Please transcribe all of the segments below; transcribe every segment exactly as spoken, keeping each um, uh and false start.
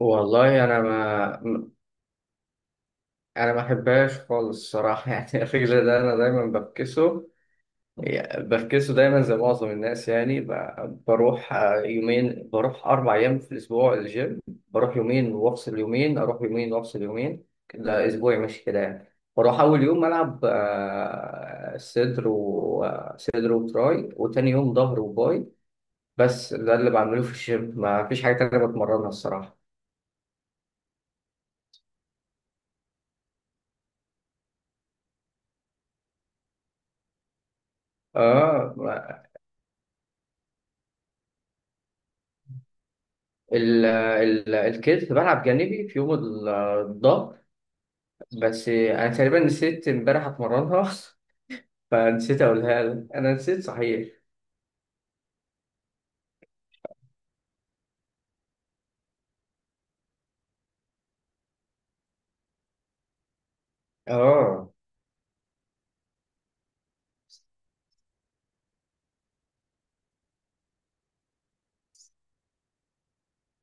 والله انا ما م- انا ما احبهاش خالص الصراحه. يعني الرجل ده انا دايما بفكسه، يعني بفكسه دايما زي معظم الناس. يعني ب- بروح آه، يومين، بروح اربع ايام في الاسبوع الجيم. بروح يومين وافصل يومين، اروح يومين وافصل يومين، ده اسبوعي ماشي كده يعني. بروح اول يوم العب آه، صدر، وصدر وتراي، وتاني يوم ظهر وباي. بس ده اللي بعمله في الجيم، ما فيش حاجه تانيه بتمرنها الصراحه. اه، ال- ال- الكتف بلعب جانبي في يوم ال- الظهر، بس انا تقريبا نسيت امبارح اتمرنها. فنسيت اقولها لك، انا نسيت صحيح. اه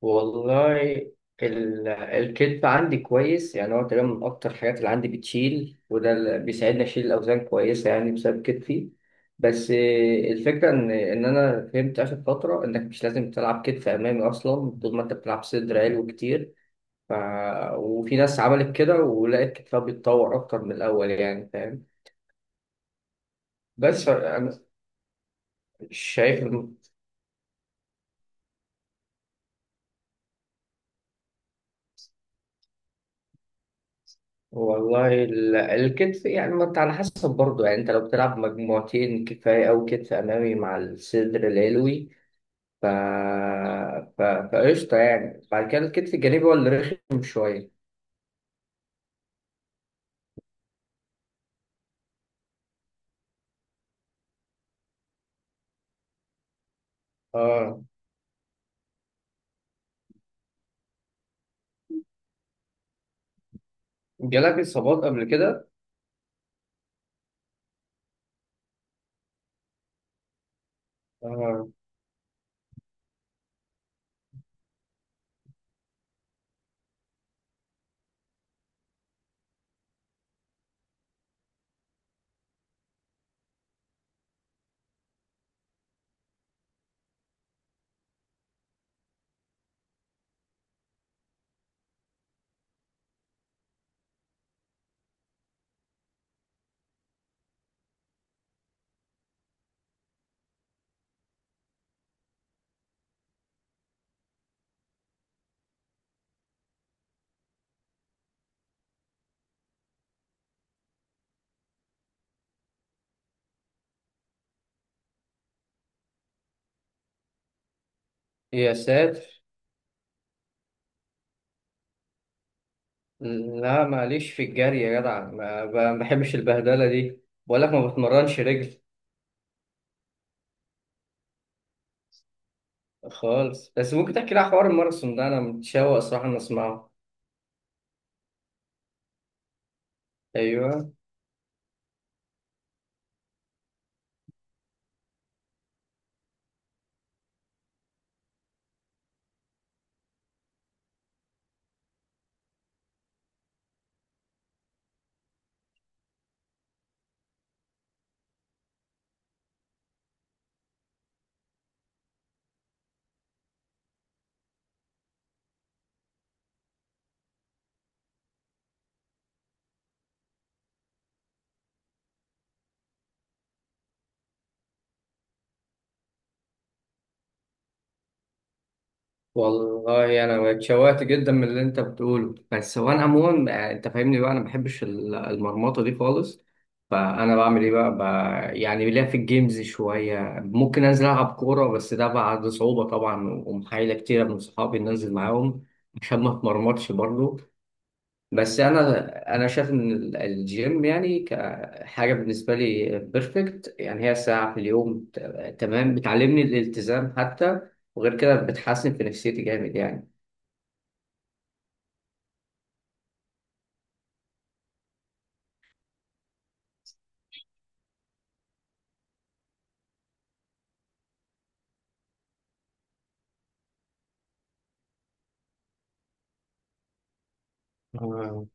والله ال- الكتف عندي كويس، يعني هو تقريبا من اكتر الحاجات اللي عندي بتشيل، وده اللي بيساعدني اشيل الاوزان كويسه يعني، بسبب كتفي. بس آه، الفكره ان ان انا فهمت اخر فتره انك مش لازم تلعب كتف امامي اصلا طول ما انت بتلعب صدر عالي كتير. ف... وفي ناس عملت كده ولقيت كتابها بيتطور أكتر من الأول، يعني فاهم. بس أنا شايف إن- والله ال- الكتف يعني، ما أنت على حسب برضه. يعني أنت لو بتلعب مجموعتين كفاية، أو كتف أمامي مع الصدر العلوي، ف... ف... فقشطة، يعني بعد كده الكتف الجانبي هو اللي رخم شوية. آه. جالك إصابات قبل كده؟ آه، يا ساتر. لا ماليش في الجري يا جدع، ما ما بحبش البهدلة دي. بقول لك ما بتمرنش رجل خالص. بس ممكن تحكي لي على حوار الماراثون ده، انا متشوق صراحة ان اسمعه. ايوه، والله انا اتشوقت جدا من اللي انت بتقوله. بس هو انا عموما آه، انت فاهمني بقى، انا ما بحبش ال- المرمطة دي خالص. فانا بعمل ايه بقى، بقى يعني. ليا في الجيمز شوية، ممكن انزل العب كورة، بس ده بعد صعوبة طبعا ومحايلة كتيرة من صحابي إن انزل معاهم، عشان ما اتمرمطش برضه. بس انا انا شايف ان ال- الجيم يعني كحاجه بالنسبه لي بيرفكت. يعني هي ساعه في اليوم ت- تمام، بتعلمني الالتزام حتى، وغير كده بتحسن في نفسيتي جامد يعني. آه.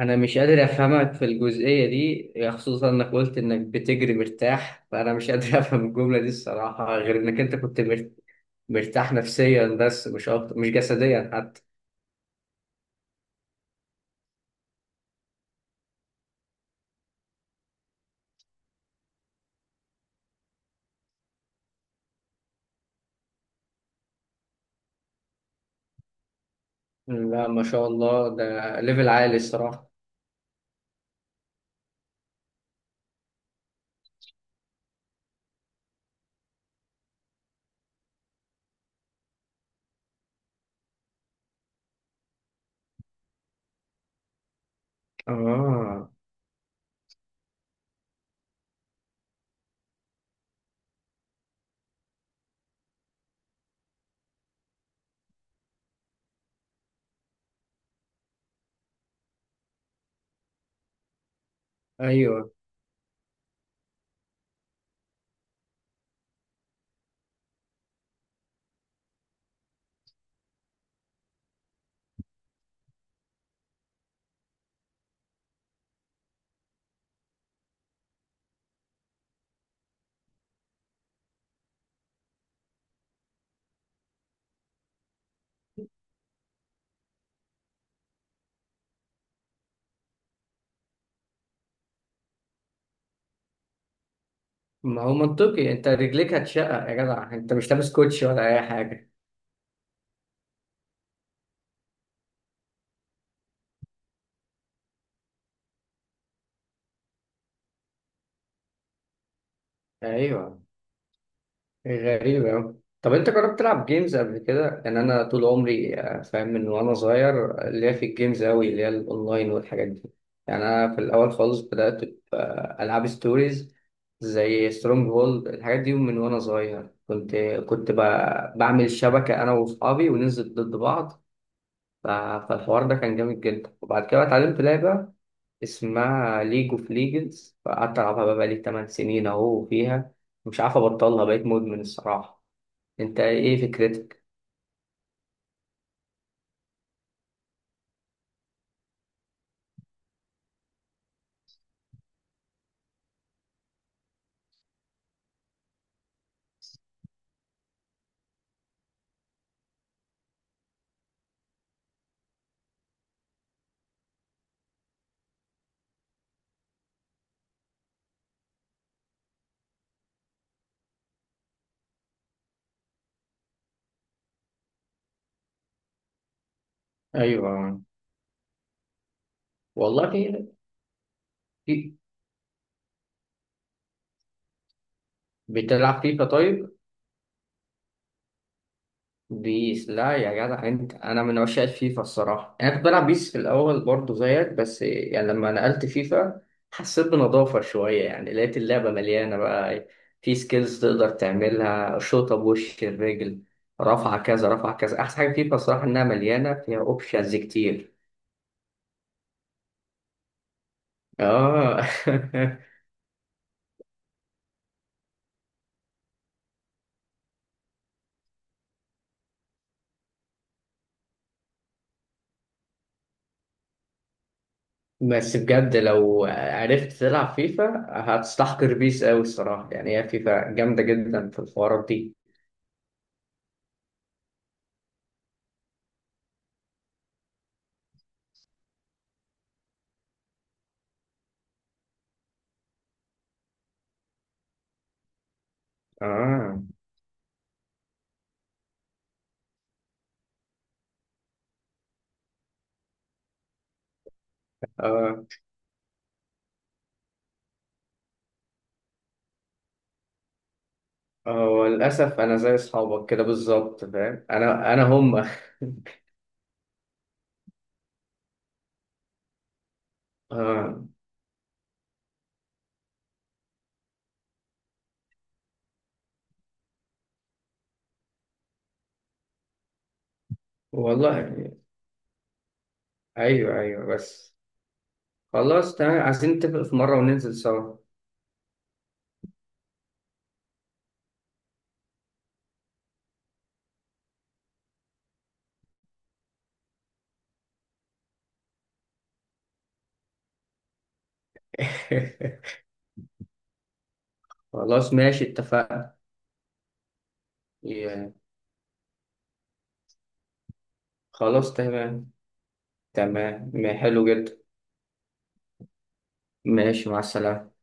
انا مش قادر افهمك في الجزئيه دي، خصوصا انك قلت انك بتجري مرتاح، فانا مش قادر افهم الجمله دي الصراحه، غير انك انت كنت مر- مرتاح نفسيا بس مش اكتر، مش جسديا حتى. لا ما شاء الله، ده ليفل عالي الصراحه. اه. ايوه، ما هو منطقي، انت رجليك هتشقق يا جدع، انت مش لابس كوتشي ولا اي حاجه. ايوه. غريبة أوي، طب انت جربت تلعب جيمز قبل كده؟ ان انا طول عمري آه، فاهم، من وانا صغير اللي هي في الجيمز أوي، اللي هي الاونلاين والحاجات دي. يعني انا في الاول خالص بدات العاب ستوريز زي سترونج هولد، الحاجات دي من وانا صغير. كنت كنت ب- بعمل شبكه انا واصحابي وننزل ضد بعض. ف- فالحوار ده كان جامد جدا. وبعد كده اتعلمت لعبه اسمها ليج اوف ليجندز، فقعدت العبها بقى بقالي ثمان سنين اهو فيها، مش عارف ابطلها، بقيت مدمن الصراحة. انت ايه فكرتك؟ ايوه والله. في في- بتلعب فيفا طيب؟ بيس؟ لا يا جدع، انت انا من عشاق الفيفا الصراحه. انا كنت بلعب بيس في الاول برضه زيك، بس يعني لما نقلت فيفا حسيت بنضافه شويه، يعني لقيت اللعبه مليانه بقى. في سكيلز تقدر تعملها، شوطه، بوش الرجل، رفعه كذا، رفعه كذا. احسن حاجه فيفا الصراحه، انها مليانه فيها اوبشنز كتير. اه. بس بجد لو عرفت تلعب فيفا هتستحقر بيس قوي الصراحه، يعني هي فيفا جامده جدا في الحوارات دي. اه. اه. هو للأسف أنا زي أصحابك كده بالظبط فاهم، أنا أنا هم آه. والله أيوه أيوه بس. خلاص تمام، عايزين نتفق في مرة وننزل سوا. خلاص ماشي اتفقنا. يا- خلاص تمام، تمام. ما- حلو جدا. ماشي، مع السلامة.